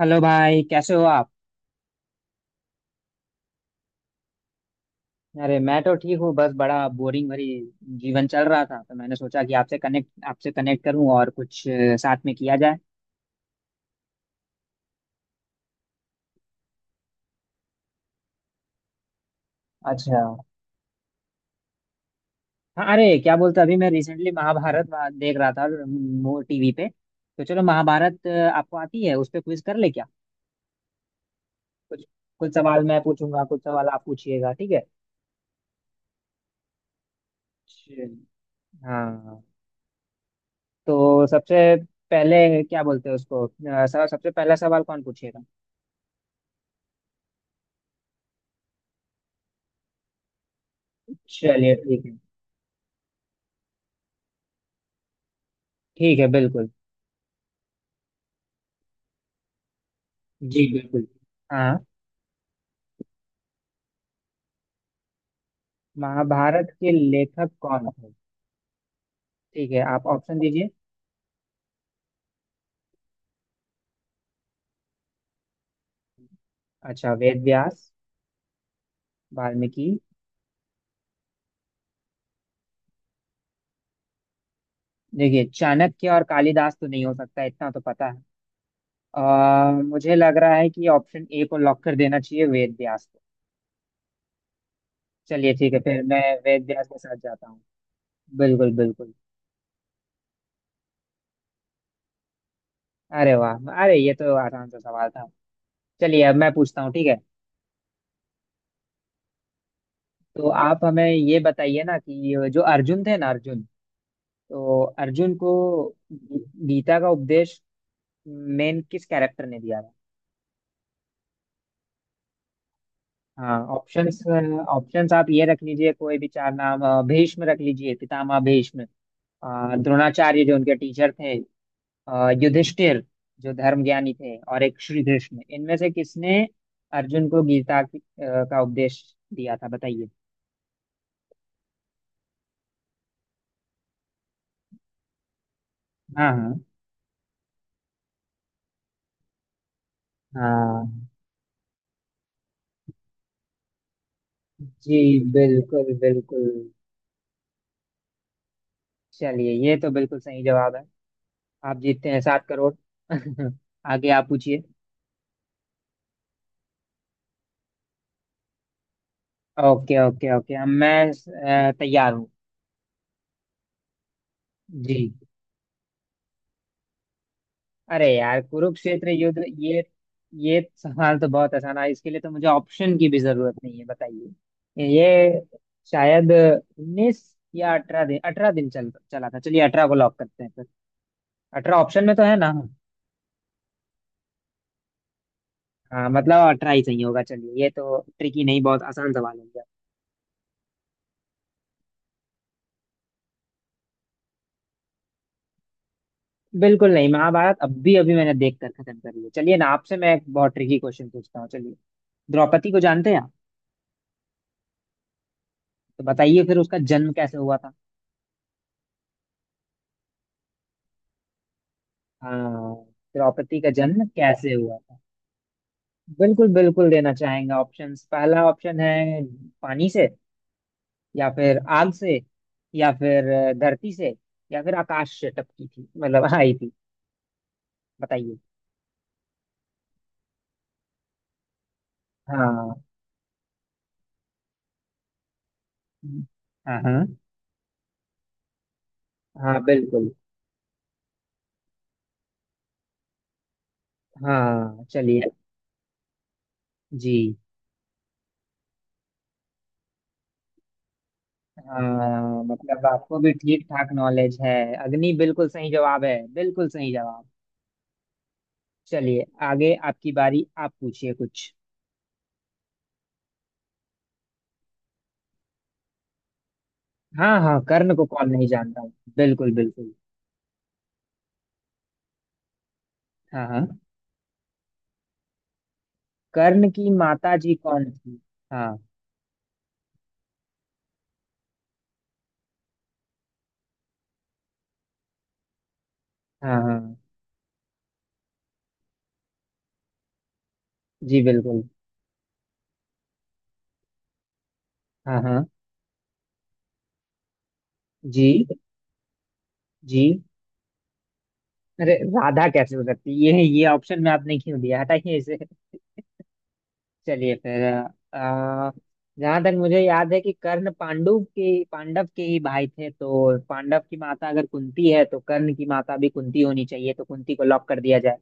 Hello भाई, कैसे हो आप? अरे मैं तो ठीक हूँ। बस बड़ा बोरिंग भरी जीवन चल रहा था, तो मैंने सोचा कि आपसे कनेक्ट करूँ और कुछ साथ में किया जाए। अच्छा। हाँ, अरे क्या बोलते, अभी मैं रिसेंटली देख रहा था, वो टीवी पे। तो चलो महाभारत, आपको आती है, उस पर क्विज कर ले क्या? कुछ कुछ सवाल मैं पूछूंगा, कुछ सवाल आप पूछिएगा, ठीक है। चलिए। हाँ, तो सबसे पहले क्या बोलते हैं उसको, सबसे पहला सवाल कौन पूछेगा। चलिए ठीक है। ठीक है बिल्कुल। जी बिल्कुल। हाँ। महाभारत के लेखक कौन थे? ठीक है, आप ऑप्शन दीजिए। अच्छा, वेद व्यास। वाल्मीकि। देखिए, चाणक्य और कालिदास तो नहीं हो सकता, इतना तो पता है। मुझे लग रहा है कि ऑप्शन ए को लॉक कर देना चाहिए, वेद व्यास को। चलिए ठीक है, फिर मैं वेद व्यास के साथ जाता हूँ। बिल्कुल बिल्कुल। अरे वाह! अरे ये तो आसान सा सवाल था। चलिए, अब मैं पूछता हूँ, ठीक है। तो आप हमें ये बताइए ना कि जो अर्जुन थे ना, अर्जुन, तो अर्जुन को गीता का उपदेश मेन किस कैरेक्टर ने दिया था? हाँ, ऑप्शंस। ऑप्शंस आप ये रख लीजिए, कोई भी चार नाम, भीष्म रख लीजिए, पितामह भीष्म, द्रोणाचार्य जो उनके टीचर थे, युधिष्ठिर जो धर्म ज्ञानी थे और एक श्री कृष्ण। इनमें से किसने अर्जुन को गीता की, का उपदेश दिया था, बताइए। हाँ हाँ हाँ। जी बिल्कुल बिल्कुल। चलिए, ये तो बिल्कुल सही जवाब है। आप जीतते हैं 7 करोड़। आगे आप पूछिए। ओके ओके ओके, अब मैं तैयार हूँ। जी। अरे यार कुरुक्षेत्र युद्ध, ये सवाल तो बहुत आसान है, इसके लिए तो मुझे ऑप्शन की भी जरूरत नहीं है। बताइए ये, शायद 19 या 18 दिन। 18 दिन चल चला था। चलिए, 18 को लॉक करते हैं फिर। 18 ऑप्शन में तो है ना? हाँ, मतलब 18 ही सही होगा। चलिए, ये तो ट्रिकी नहीं, बहुत आसान सवाल है। बिल्कुल नहीं, महाभारत अब भी अभी मैंने देख कर खत्म कर लिया। चलिए ना, आपसे मैं एक बहुत ट्रिकी क्वेश्चन पूछता हूँ, चलिए। द्रौपदी को जानते हैं आप? तो बताइए फिर, उसका जन्म कैसे हुआ था? हाँ, द्रौपदी का जन्म कैसे हुआ था? बिल्कुल बिल्कुल देना चाहेंगे ऑप्शंस। पहला ऑप्शन है पानी से, या फिर आग से, या फिर धरती से, या फिर आकाश से टपकी थी, मतलब आई थी। बताइए। हाँ हाँ। हाँ, हाँ बिल्कुल। हाँ, चलिए। जी। हाँ, मतलब आपको भी ठीक ठाक नॉलेज है। अग्नि बिल्कुल सही जवाब है, बिल्कुल सही जवाब। चलिए, आगे आपकी बारी, आप पूछिए कुछ। हाँ हाँ, कर्ण को कौन नहीं जानता। बिल्कुल बिल्कुल। हाँ हाँ, कर्ण की माता जी कौन थी? हाँ। हाँ हाँ। जी बिल्कुल। हाँ हाँ। जी। जी। अरे राधा कैसे हो सकती है? ये ऑप्शन में आपने क्यों दिया, हटाइए इसे। चलिए फिर आ, जहां तक मुझे याद है कि कर्ण पांडु के, पांडव के ही भाई थे, तो पांडव की माता अगर कुंती है, तो कर्ण की माता भी कुंती होनी चाहिए, तो कुंती को लॉक कर दिया जाए।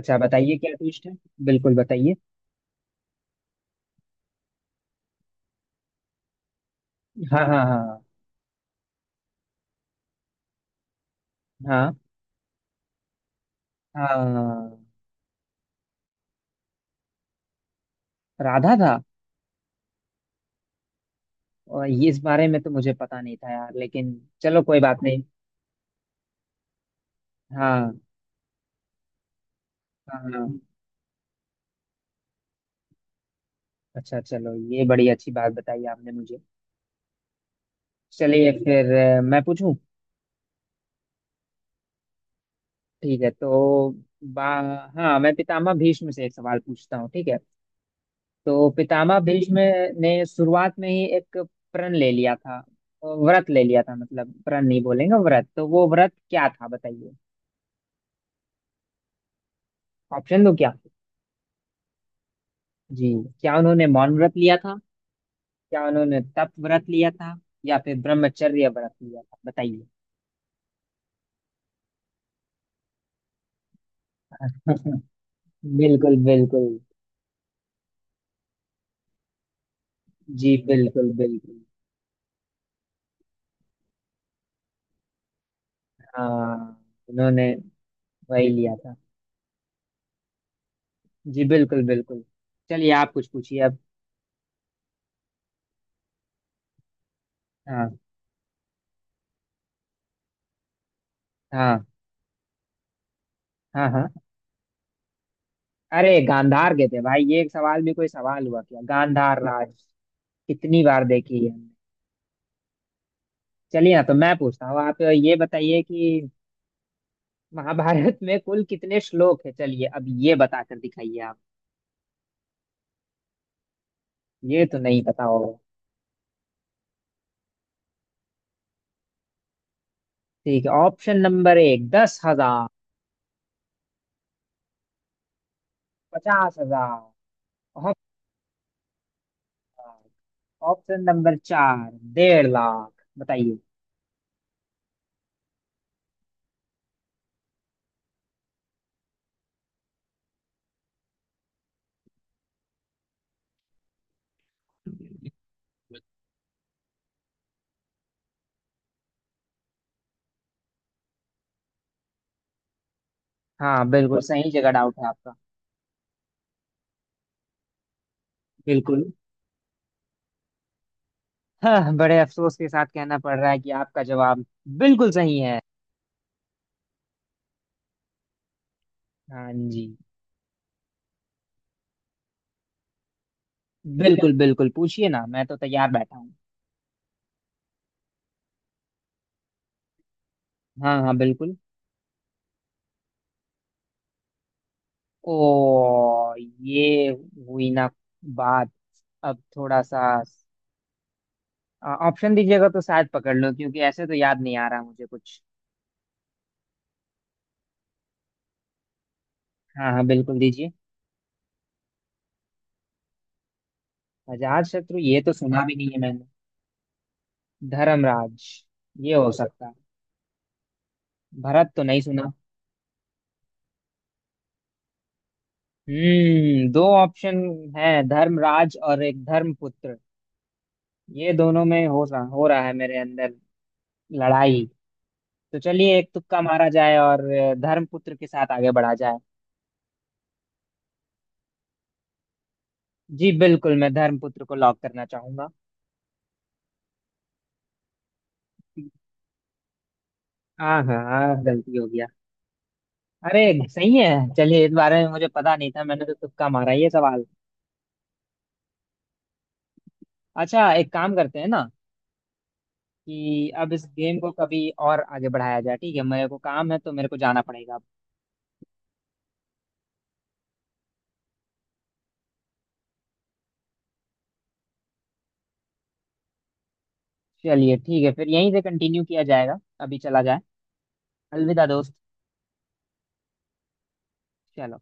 अच्छा, बताइए क्या ट्विस्ट है, बिल्कुल बताइए। हाँ हाँ हाँ। हाँ। हाँ, राधा था। और ये, इस बारे में तो मुझे पता नहीं था यार, लेकिन चलो कोई बात नहीं। हाँ हाँ। हाँ। अच्छा, चलो, ये बड़ी अच्छी बात बताई आपने मुझे। चलिए फिर मैं पूछूं। ठीक है, तो बा हाँ, मैं पितामह भीष्म से एक सवाल पूछता हूँ, ठीक है। तो पितामह भीष्म ने शुरुआत में ही एक प्रण ले लिया था, व्रत ले लिया था, मतलब प्रण नहीं बोलेंगे, व्रत। तो वो व्रत क्या था, बताइए, ऑप्शन दो क्या। जी। क्या उन्होंने मौन व्रत लिया था? क्या उन्होंने तप व्रत लिया था? या फिर ब्रह्मचर्य व्रत लिया था, बताइए। बिल्कुल बिल्कुल। जी बिल्कुल बिल्कुल। हाँ, उन्होंने वही लिया था। जी बिल्कुल बिल्कुल। चलिए, आप कुछ पूछिए। हाँ हाँ। हाँ हाँ, अरे गांधार के थे भाई, ये एक सवाल भी कोई सवाल हुआ क्या? गांधार राज, कितनी बार देखी है हमने। चलिए ना, तो मैं पूछता हूँ, आप ये बताइए कि महाभारत में कुल कितने श्लोक है? चलिए अब ये बताकर दिखाइए आप, ये तो नहीं पता होगा। ठीक है, option number 1, 10,000। 50,000। Option number 4, 1.5 lakh. बताइए। हाँ, बिल्कुल सही जगह डाउट है आपका। बिल्कुल। हाँ, बड़े अफसोस के साथ कहना पड़ रहा है कि आपका जवाब बिल्कुल सही है। हाँ जी। बिल्कुल बिल्कुल, पूछिए ना, मैं तो तैयार बैठा हूँ। हाँ हाँ बिल्कुल। ओ! ये हुई ना बात। अब थोड़ा सा ऑप्शन दीजिएगा तो शायद पकड़ लो, क्योंकि ऐसे तो याद नहीं आ रहा मुझे कुछ। हाँ हाँ बिल्कुल दीजिए। अजात शत्रु, ये तो सुना भी नहीं है मैंने। धर्मराज, ये हो सकता है। भरत तो नहीं सुना। हम्म, दो ऑप्शन है, धर्मराज और एक धर्मपुत्र। ये दोनों में हो रहा है मेरे अंदर लड़ाई। तो चलिए, एक तुक्का मारा जाए और धर्मपुत्र के साथ आगे बढ़ा जाए। जी बिल्कुल, मैं धर्मपुत्र को लॉक करना चाहूंगा। हाँ हाँ हाँ, गलती हो गया। अरे, सही है। चलिए, इस बारे में मुझे पता नहीं था, मैंने तो तुक्का मारा ये सवाल। अच्छा, एक काम करते हैं ना कि अब इस गेम को कभी और आगे बढ़ाया जाए, ठीक है, मेरे को काम है तो मेरे को जाना पड़ेगा। चलिए ठीक है फिर, यहीं से कंटिन्यू किया जाएगा, अभी चला जाए। अलविदा दोस्त। चलो।